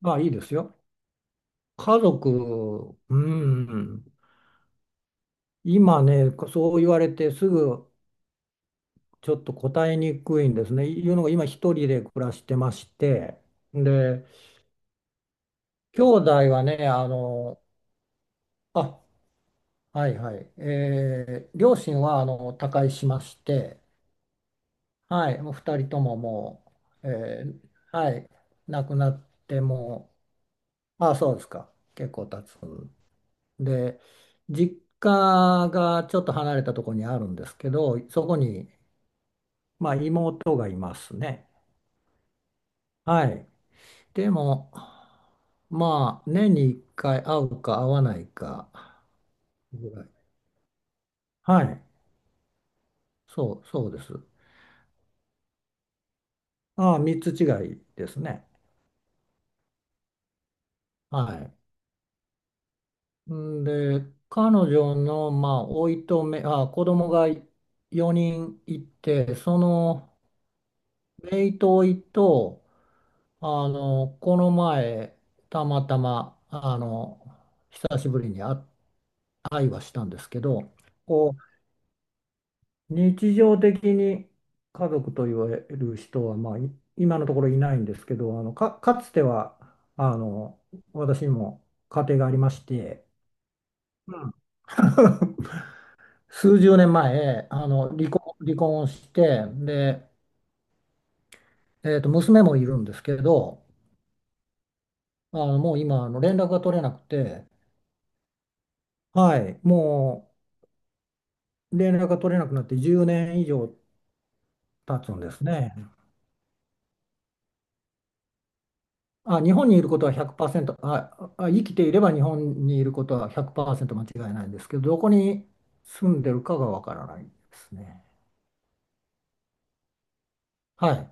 まあ、いいですよ。家族、うん。今ね、そう言われてすぐちょっと答えにくいんですね。いうのが今一人で暮らしてまして。で、兄弟はね、あ、はいはい。両親は他界しまして、はい、もう二人とももう、はい、亡くなってもう、あ、そうですか。結構経つ。で、実家がちょっと離れたところにあるんですけど、そこに、まあ、妹がいますね。はい。でも、まあ、年に1回会うか会わないかぐらい。はい。そうです。ああ、3つ違いですね。はい。んで、彼女の、まあ、おいとめ、あ、子供が4人いて、その、姪とおいと、この前、たまたま、久しぶりに会話したんですけど、こう、日常的に家族と言われる人は、まあ、今のところいないんですけど、か、かつては、あの、私も家庭がありまして、うん 数十年前、離婚をして、で、娘もいるんですけど、もう今、連絡が取れなくて、はい、もう、連絡が取れなくなって10年以上経つんですね。あ、日本にいることは100%、あ、あ、生きていれば日本にいることは100%間違いないんですけど、どこに住んでるかがわからないですね。はい。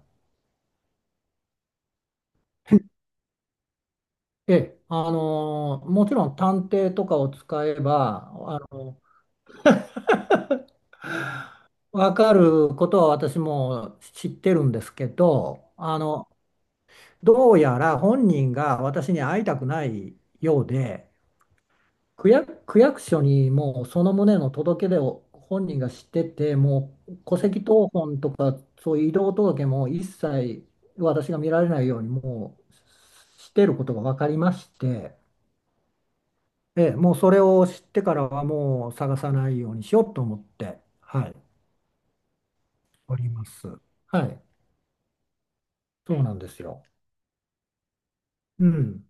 ええ、もちろん探偵とかを使えば、わかることは私も知ってるんですけど、どうやら本人が私に会いたくないようで、区役所にもうその旨の届け出を本人が知ってて、もう戸籍謄本とか、そういう移動届も一切私が見られないように、もうしてることが分かりまして、ええ、もうそれを知ってからはもう探さないようにしようと思って、はい、おります。はい、そうなんですよ。うん。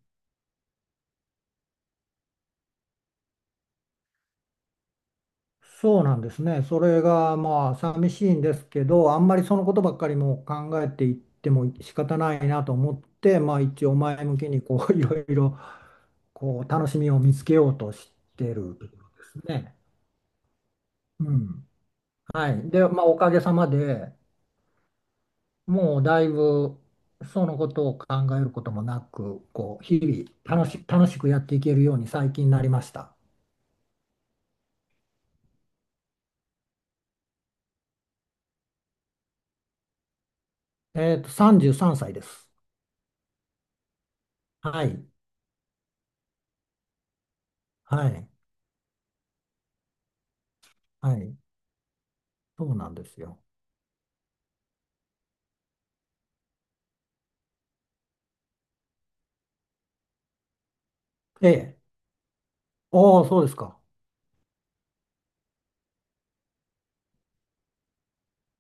そうなんですね。それがまあ寂しいんですけど、あんまりそのことばっかりもう考えていっても仕方ないなと思って、まあ一応前向きにこう いろいろこう楽しみを見つけようとしてるところですね。うん。はい。で、まあおかげさまでもうだいぶそのことを考えることもなく、こう日々楽しくやっていけるように最近になりました。えっと、33歳です。はい。はい。はい。そうなんですよ。ええ。ああそうですか。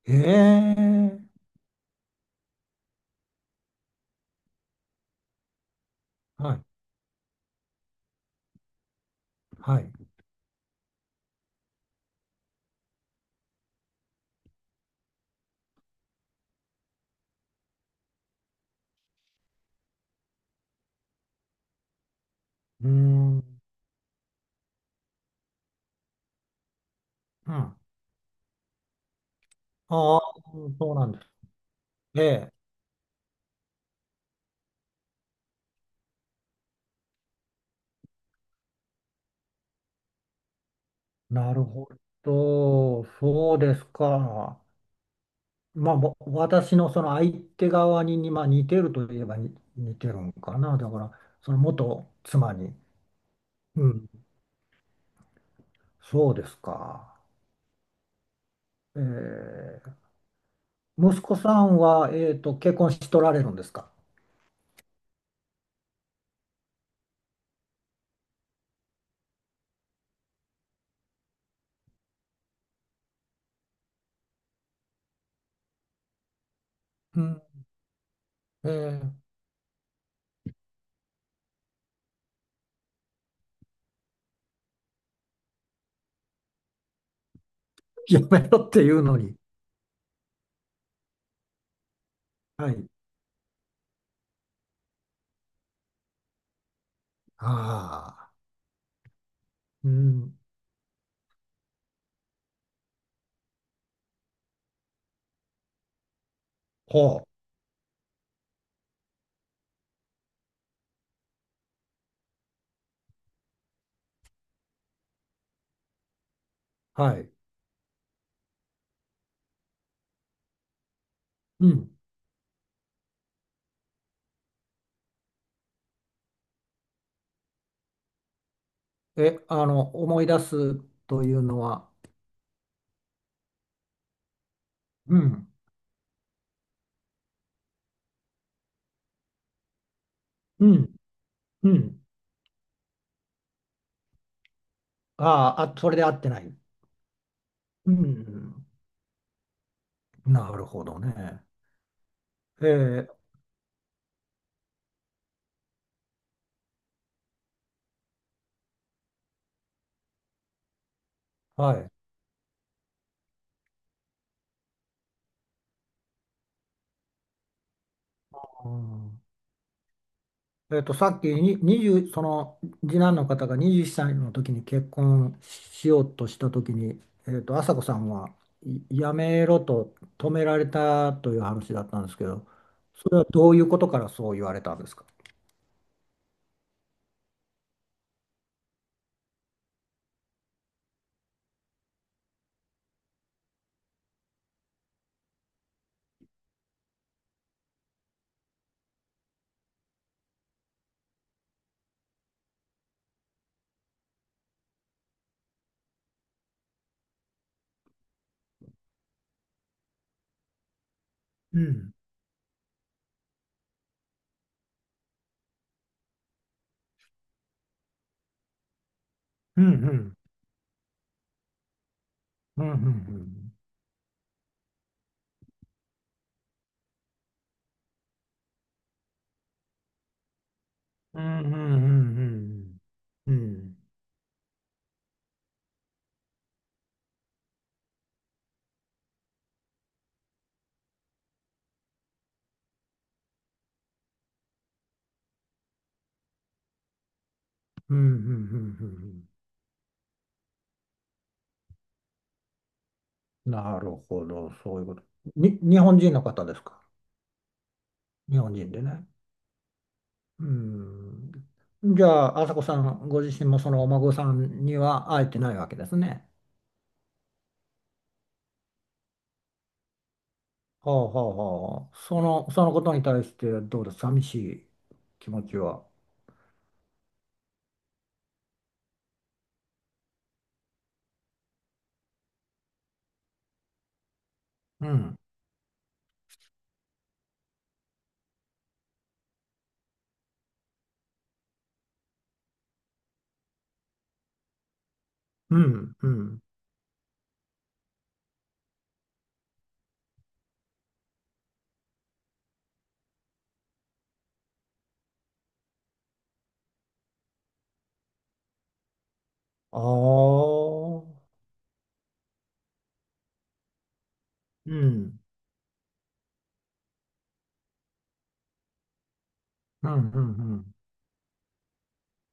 ええ。はい。はい。うーん。うん。ああ、そうなんです。ええ。なるほど。そうですか。まあ、私のその相手側に、まあ、似てるといえばに似てるんかな。だから、その元妻に。うん。そうですか。ええ。息子さんは、えっと、結婚しとられるんですか？うん。ええ。やめろっていうのに。はい。ああ。うん。ほう。はい。うん。え、思い出すというのは、うん、うん、うん。あーあ、それで合ってない。うん。なるほどね。えー、はい。うんえっと、さっきに20、その次男の方が21歳の時に結婚しようとした時に、えっと、朝子さんはいやめろと止められたという話だったんですけど、それはどういうことからそう言われたんですか？うん、うん、うんうんうんうんうんうんうんうんうんうんうんうんうんうんなるほど、そういうこと。に、日本人の方ですか？日本人でね。うん。じゃあ、朝子さんご自身もそのお孫さんには会えてないわけですね。はあはあはあ。その、そのことに対してどうです寂しい気持ちは。うん。うん。うん。ああ。うん。うん。うん。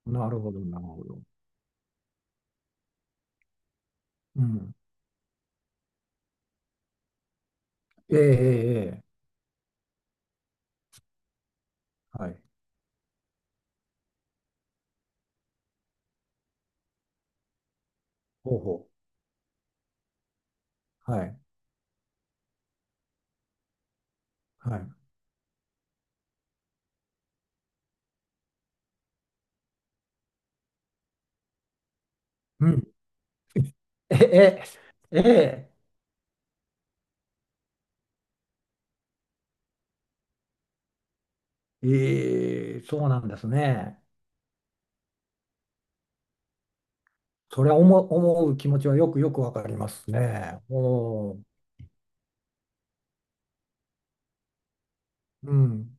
うん。なるほど、なるほど。うん。ええ、ええ、ええはい。ほうほう。はい。はい。うん。ええ、ええ、ええ、そうなんですね。それは思う気持ちはよくよくわかりますね。おお、うん。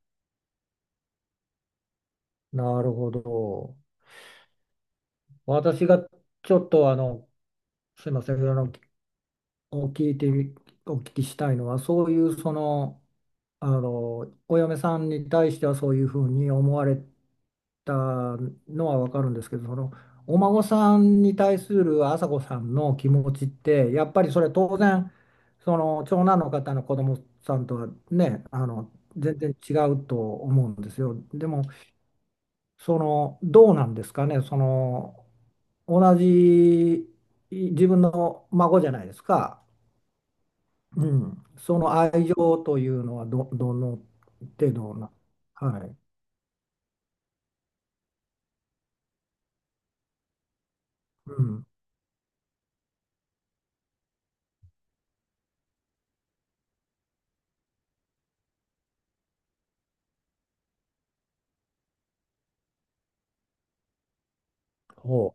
なるほど。私がちょっとすいません、お聞いてみ、お聞きしたいのは、そういうその、あのお嫁さんに対してはそういうふうに思われたのは分かるんですけどそのお孫さんに対する朝子さんの気持ちってやっぱりそれ当然その長男の方の子供さんとはねあの全然違うと思うんですよ。でもそのどうなんですかねその同じ自分の孫じゃないですか。うん、その愛情というのはどの程度な、はい、うん、ほ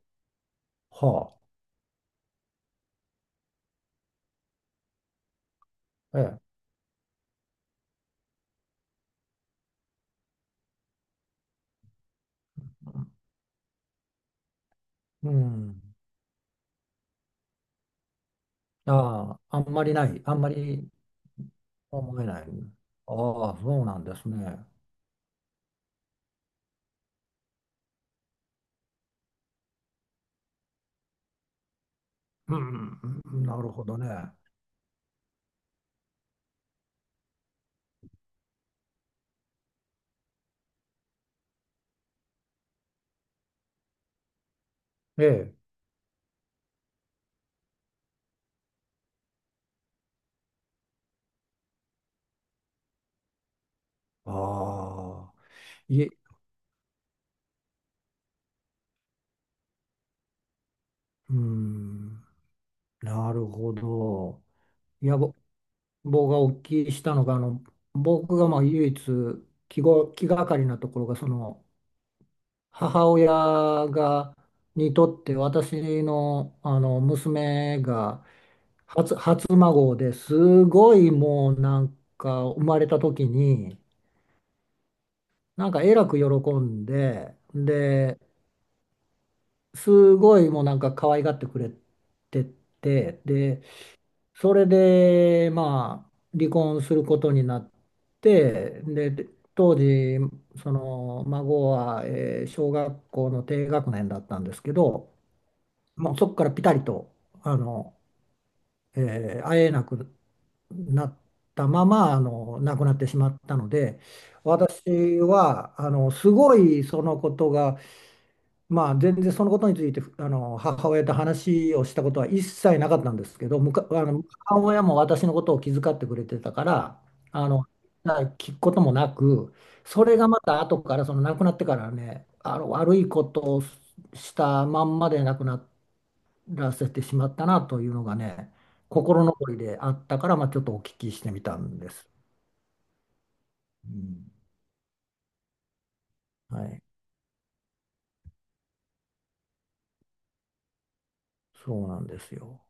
う、はあ、ええ、うん、ああ、あんまりない、あんまり思えない。ああ、そうなんですね。うん、うんなるほどね。ええ、ああ、いえ、うん、なるほど。いや、僕がお聞きしたのが、僕がまあ唯一気がかりなところが、その、母親が、にとって私の、あの娘が初孫ですごいもうなんか生まれた時になんかえらく喜んでですごいもうなんか可愛がってくれててでそれでまあ離婚することになってで当時その孫は、えー小学校の低学年だったんですけどもうそこからピタリと、あの、えー会えなくなったまま、亡くなってしまったので、私は、すごいそのことが、まあ、全然そのことについて、母親と話をしたことは一切なかったんですけど、むか、母親も私のことを気遣ってくれてたから、あの、聞くこともなく、それがまた後から、その亡くなってからね、悪いことをしたまんまで亡くなっらせてしまったなというのがね、心残りであったから、まあ、ちょっとお聞きしてみたんです。うん、はい、そうなんですよ。